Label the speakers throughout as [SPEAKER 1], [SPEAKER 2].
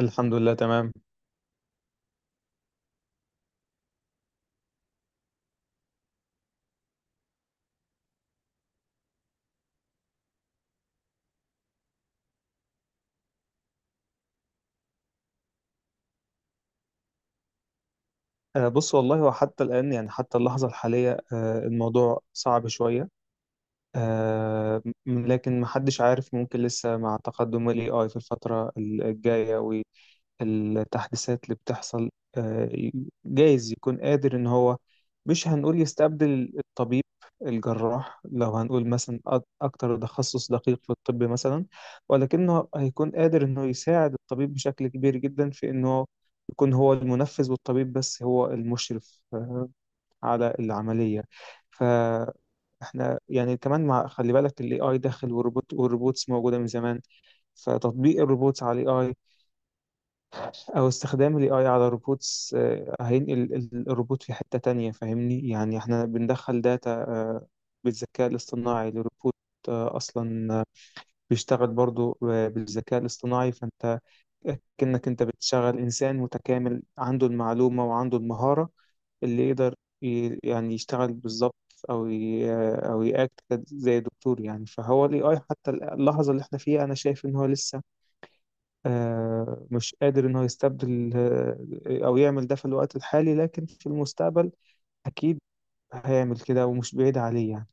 [SPEAKER 1] الحمد لله تمام. بص والله هو حتى الآن حتى اللحظة الحالية، الموضوع صعب شوية. لكن محدش عارف، ممكن لسه مع تقدم ال AI في الفترة الجاية، التحديثات اللي بتحصل، آه، جايز يكون قادر ان هو مش هنقول يستبدل الطبيب الجراح، لو هنقول مثلا اكتر تخصص دقيق في الطب مثلا، ولكنه هيكون قادر انه يساعد الطبيب بشكل كبير جدا في انه يكون هو المنفذ والطبيب بس هو المشرف على العملية. فاحنا يعني كمان، مع خلي بالك الاي اي داخل، والروبوت والروبوتس موجودة من زمان، فتطبيق الروبوتس على الاي او استخدام ال AI على روبوتس هينقل الروبوت في حتة تانية. فاهمني يعني احنا بندخل داتا، بالذكاء الاصطناعي لروبوت اصلا بيشتغل برضو بالذكاء الاصطناعي، فانت كأنك انت بتشغل انسان متكامل عنده المعلومة وعنده المهارة اللي يقدر يعني يشتغل بالظبط، او ي- آه، او ياكت زي دكتور يعني. فهو ال AI حتى اللحظة اللي احنا فيها، انا شايف ان هو لسه مش قادر إن هو يستبدل أو يعمل ده في الوقت الحالي، لكن في المستقبل أكيد هيعمل كده، ومش بعيد عليه يعني.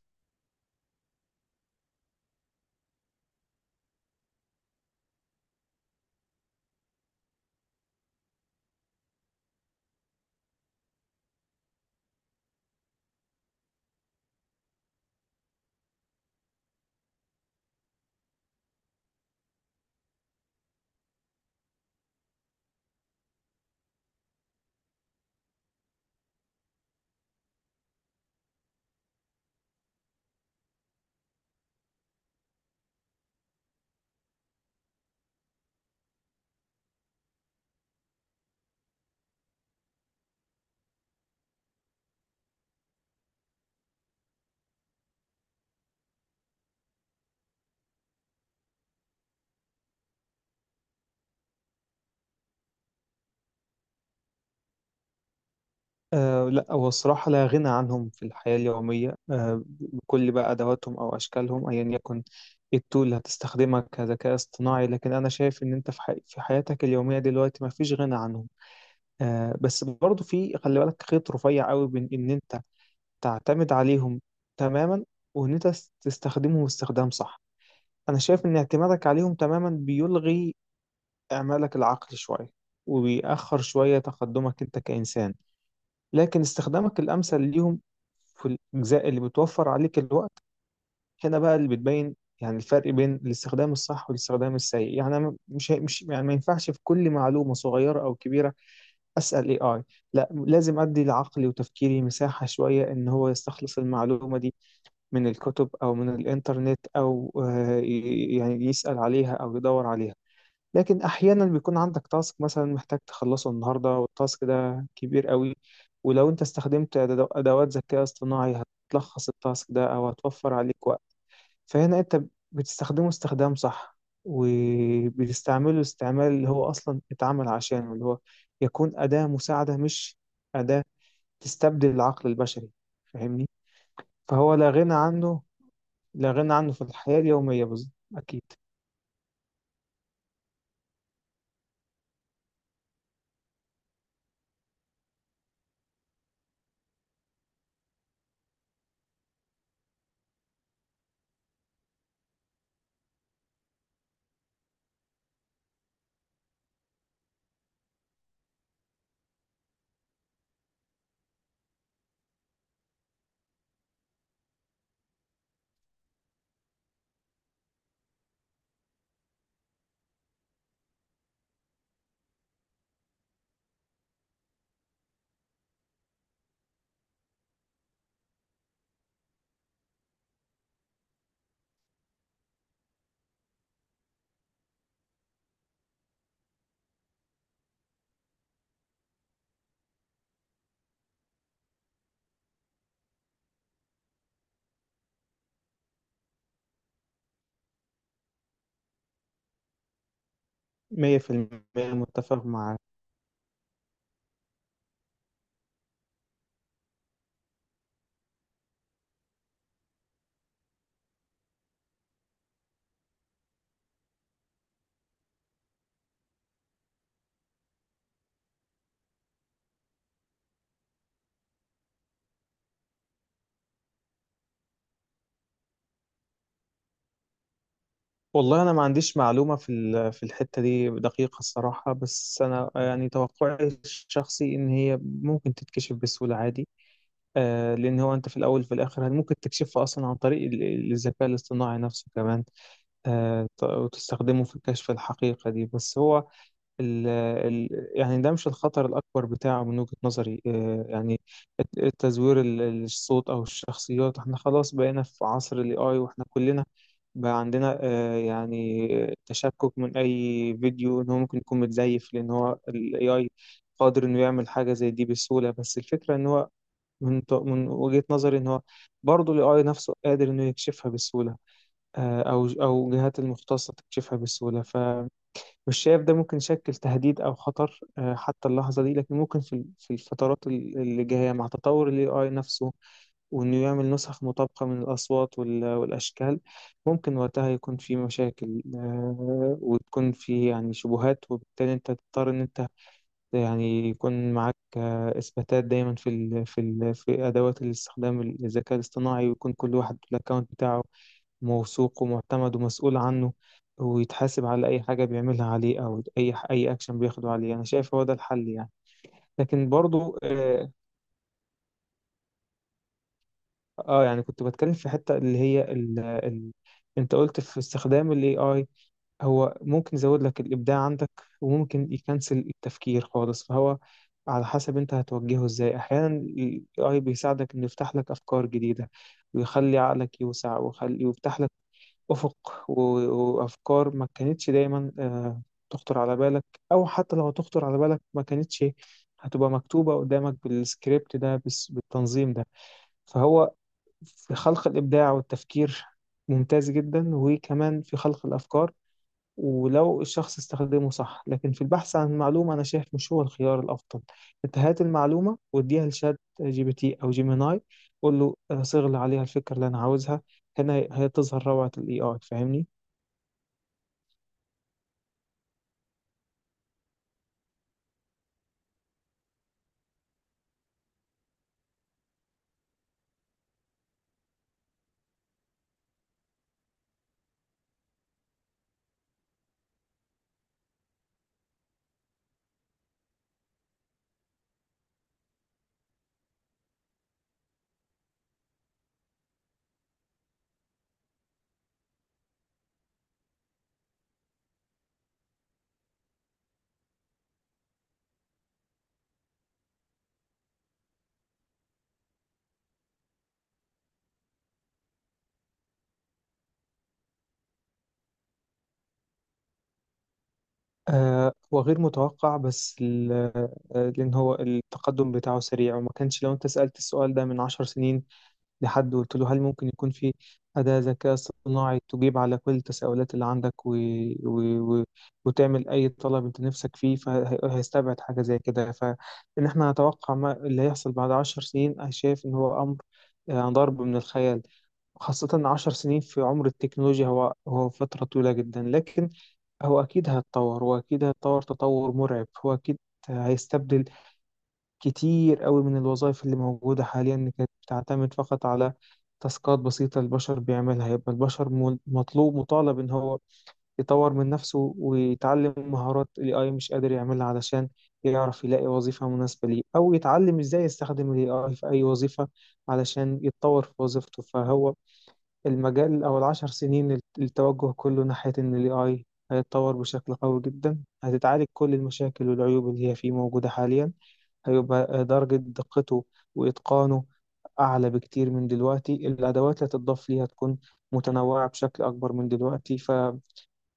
[SPEAKER 1] آه، لا هو الصراحة لا غنى عنهم في الحياة اليومية، آه، بكل بقى أدواتهم أو أشكالهم أيا يكن إيه التول اللي هتستخدمها كذكاء اصطناعي، لكن أنا شايف إن أنت في, حي في حياتك اليومية دلوقتي ما فيش غنى عنهم. آه، بس برضه في خلي بالك خيط رفيع قوي بين إن أنت تعتمد عليهم تماما، وإن أنت تستخدمهم استخدام صح. أنا شايف إن اعتمادك عليهم تماما بيلغي إعمالك العقلي شوية، وبيأخر شوية تقدمك أنت كإنسان، لكن استخدامك الأمثل ليهم في الأجزاء اللي بتوفر عليك الوقت، هنا بقى اللي بتبين يعني الفرق بين الاستخدام الصح والاستخدام السيء. يعني أنا مش يعني ما ينفعش في كل معلومة صغيرة أو كبيرة أسأل اي اي، لا لازم أدي لعقلي وتفكيري مساحة شوية إن هو يستخلص المعلومة دي من الكتب أو من الإنترنت أو يعني يسأل عليها أو يدور عليها. لكن احيانا بيكون عندك تاسك مثلا محتاج تخلصه النهارده، والتاسك ده كبير قوي، ولو انت استخدمت ادوات ذكاء اصطناعي هتلخص التاسك ده او هتوفر عليك وقت، فهنا انت بتستخدمه استخدام صح، وبتستعمله استعمال اللي هو اصلا اتعمل عشانه، اللي هو يكون اداة مساعدة، مش اداة تستبدل العقل البشري. فاهمني؟ فهو لا غنى عنه، لا غنى عنه في الحياة اليومية بالظبط. اكيد. 100% متفق مع. والله انا ما عنديش معلومه في في الحته دي دقيقه الصراحه، بس انا يعني توقعي الشخصي ان هي ممكن تتكشف بسهوله عادي. آه، لان هو انت في الاول وفي الاخر ممكن تكشفها اصلا عن طريق الذكاء الاصطناعي نفسه كمان، وتستخدمه في كشف الحقيقه دي. بس هو ال ال يعني ده مش الخطر الأكبر بتاعه من وجهة نظري. آه، يعني التزوير الصوت أو الشخصيات، احنا خلاص بقينا في عصر ال AI، واحنا كلنا بقى عندنا يعني تشكك من أي فيديو إن هو ممكن يكون متزيف، لأن هو ال AI قادر إنه يعمل حاجة زي دي بسهولة. بس الفكرة إن هو من وجهة نظري إن هو برضه ال AI نفسه قادر إنه يكشفها بسهولة، أو جهات المختصة تكشفها بسهولة. مش شايف ده ممكن يشكل تهديد أو خطر حتى اللحظة دي، لكن ممكن في في الفترات اللي جاية مع تطور ال AI نفسه، وإنه يعمل نسخ مطابقة من الأصوات والأشكال، ممكن وقتها يكون في مشاكل، وتكون في يعني شبهات، وبالتالي أنت تضطر إن أنت يعني يكون معاك إثباتات دايما في أدوات الاستخدام الذكاء الاصطناعي، ويكون كل واحد له الأكونت بتاعه موثوق ومعتمد ومسؤول عنه، ويتحاسب على أي حاجة بيعملها عليه، أو أي أكشن بياخده عليه. أنا شايف هو ده الحل يعني. لكن برضو آه يعني كنت بتكلم في حتة اللي هي ال ال أنت قلت في استخدام ال AI، هو ممكن يزود لك الإبداع عندك، وممكن يكنسل التفكير خالص. فهو على حسب أنت هتوجهه إزاي. أحيانا ال AI بيساعدك إنه يفتح لك أفكار جديدة، ويخلي عقلك يوسع، ويفتح أفق وأفكار ما كانتش دايما تخطر على بالك، أو حتى لو تخطر على بالك ما كانتش هتبقى مكتوبة قدامك بالسكريبت ده، بالتنظيم ده. فهو في خلق الإبداع والتفكير ممتاز جدا، وكمان في خلق الأفكار، ولو الشخص استخدمه صح. لكن في البحث عن معلومة أنا شايف مش هو الخيار الأفضل. أنت هات المعلومة واديها لشات جي بي تي أو جيميناي، قول له صغل عليها الفكرة اللي أنا عاوزها، هنا هي تظهر روعة ال AI. فاهمني؟ آه، هو غير متوقع، بس لأن هو التقدم بتاعه سريع، وما كانش لو أنت سألت السؤال ده من 10 سنين لحد وقلت له هل ممكن يكون في أداة ذكاء اصطناعي تجيب على كل التساؤلات اللي عندك و... و... وتعمل أي طلب أنت نفسك فيه، فهيستبعد حاجة زي كده. فإن إحنا نتوقع ما اللي هيحصل بعد 10 سنين، أنا شايف إن هو أمر ضرب من الخيال، خاصة 10 سنين في عمر التكنولوجيا هو فترة طويلة جدا. لكن هو أكيد هيتطور، وأكيد هيتطور تطور مرعب. هو أكيد هيستبدل كتير قوي من الوظائف اللي موجودة حاليا كانت بتعتمد فقط على تاسكات بسيطة البشر بيعملها. يبقى البشر مطلوب مطالب إن هو يطور من نفسه ويتعلم مهارات ال AI مش قادر يعملها، علشان يعرف يلاقي وظيفة مناسبة ليه، أو يتعلم إزاي يستخدم ال AI في أي وظيفة علشان يتطور في وظيفته. فهو المجال أو ال10 سنين التوجه كله ناحية إن ال AI هيتطور بشكل قوي جدا، هتتعالج كل المشاكل والعيوب اللي هي فيه موجودة حاليا، هيبقى درجة دقته وإتقانه أعلى بكتير من دلوقتي، الأدوات اللي هتضاف ليه هتكون متنوعة بشكل أكبر من دلوقتي. فإحنا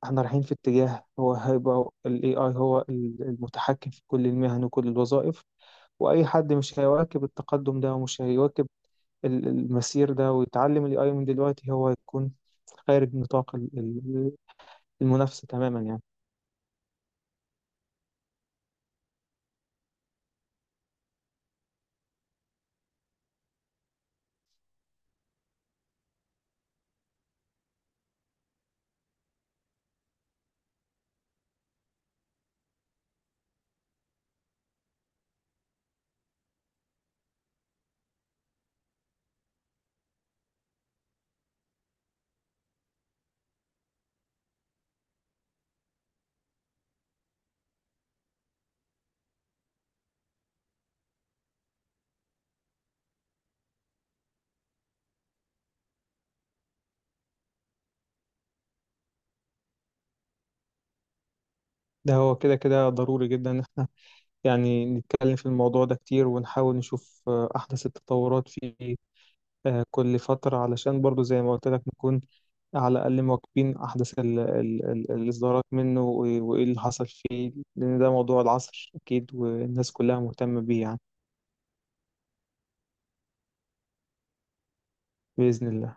[SPEAKER 1] رايحين في اتجاه هو هيبقى ال AI هو المتحكم في كل المهن وكل الوظائف، وأي حد مش هيواكب التقدم ده، ومش هيواكب المسير ده، ويتعلم ال AI من دلوقتي، هو هيكون خارج نطاق المنافسة تماما يعني. ده هو كده ضروري جدا، يعني نتكلم في الموضوع ده كتير، ونحاول نشوف أحدث التطورات في كل فترة، علشان برضو زي ما قلت لك نكون على الأقل مواكبين أحدث الإصدارات منه، وإيه اللي حصل فيه، لأن ده موضوع العصر أكيد، والناس كلها مهتمة بيه يعني. بإذن الله.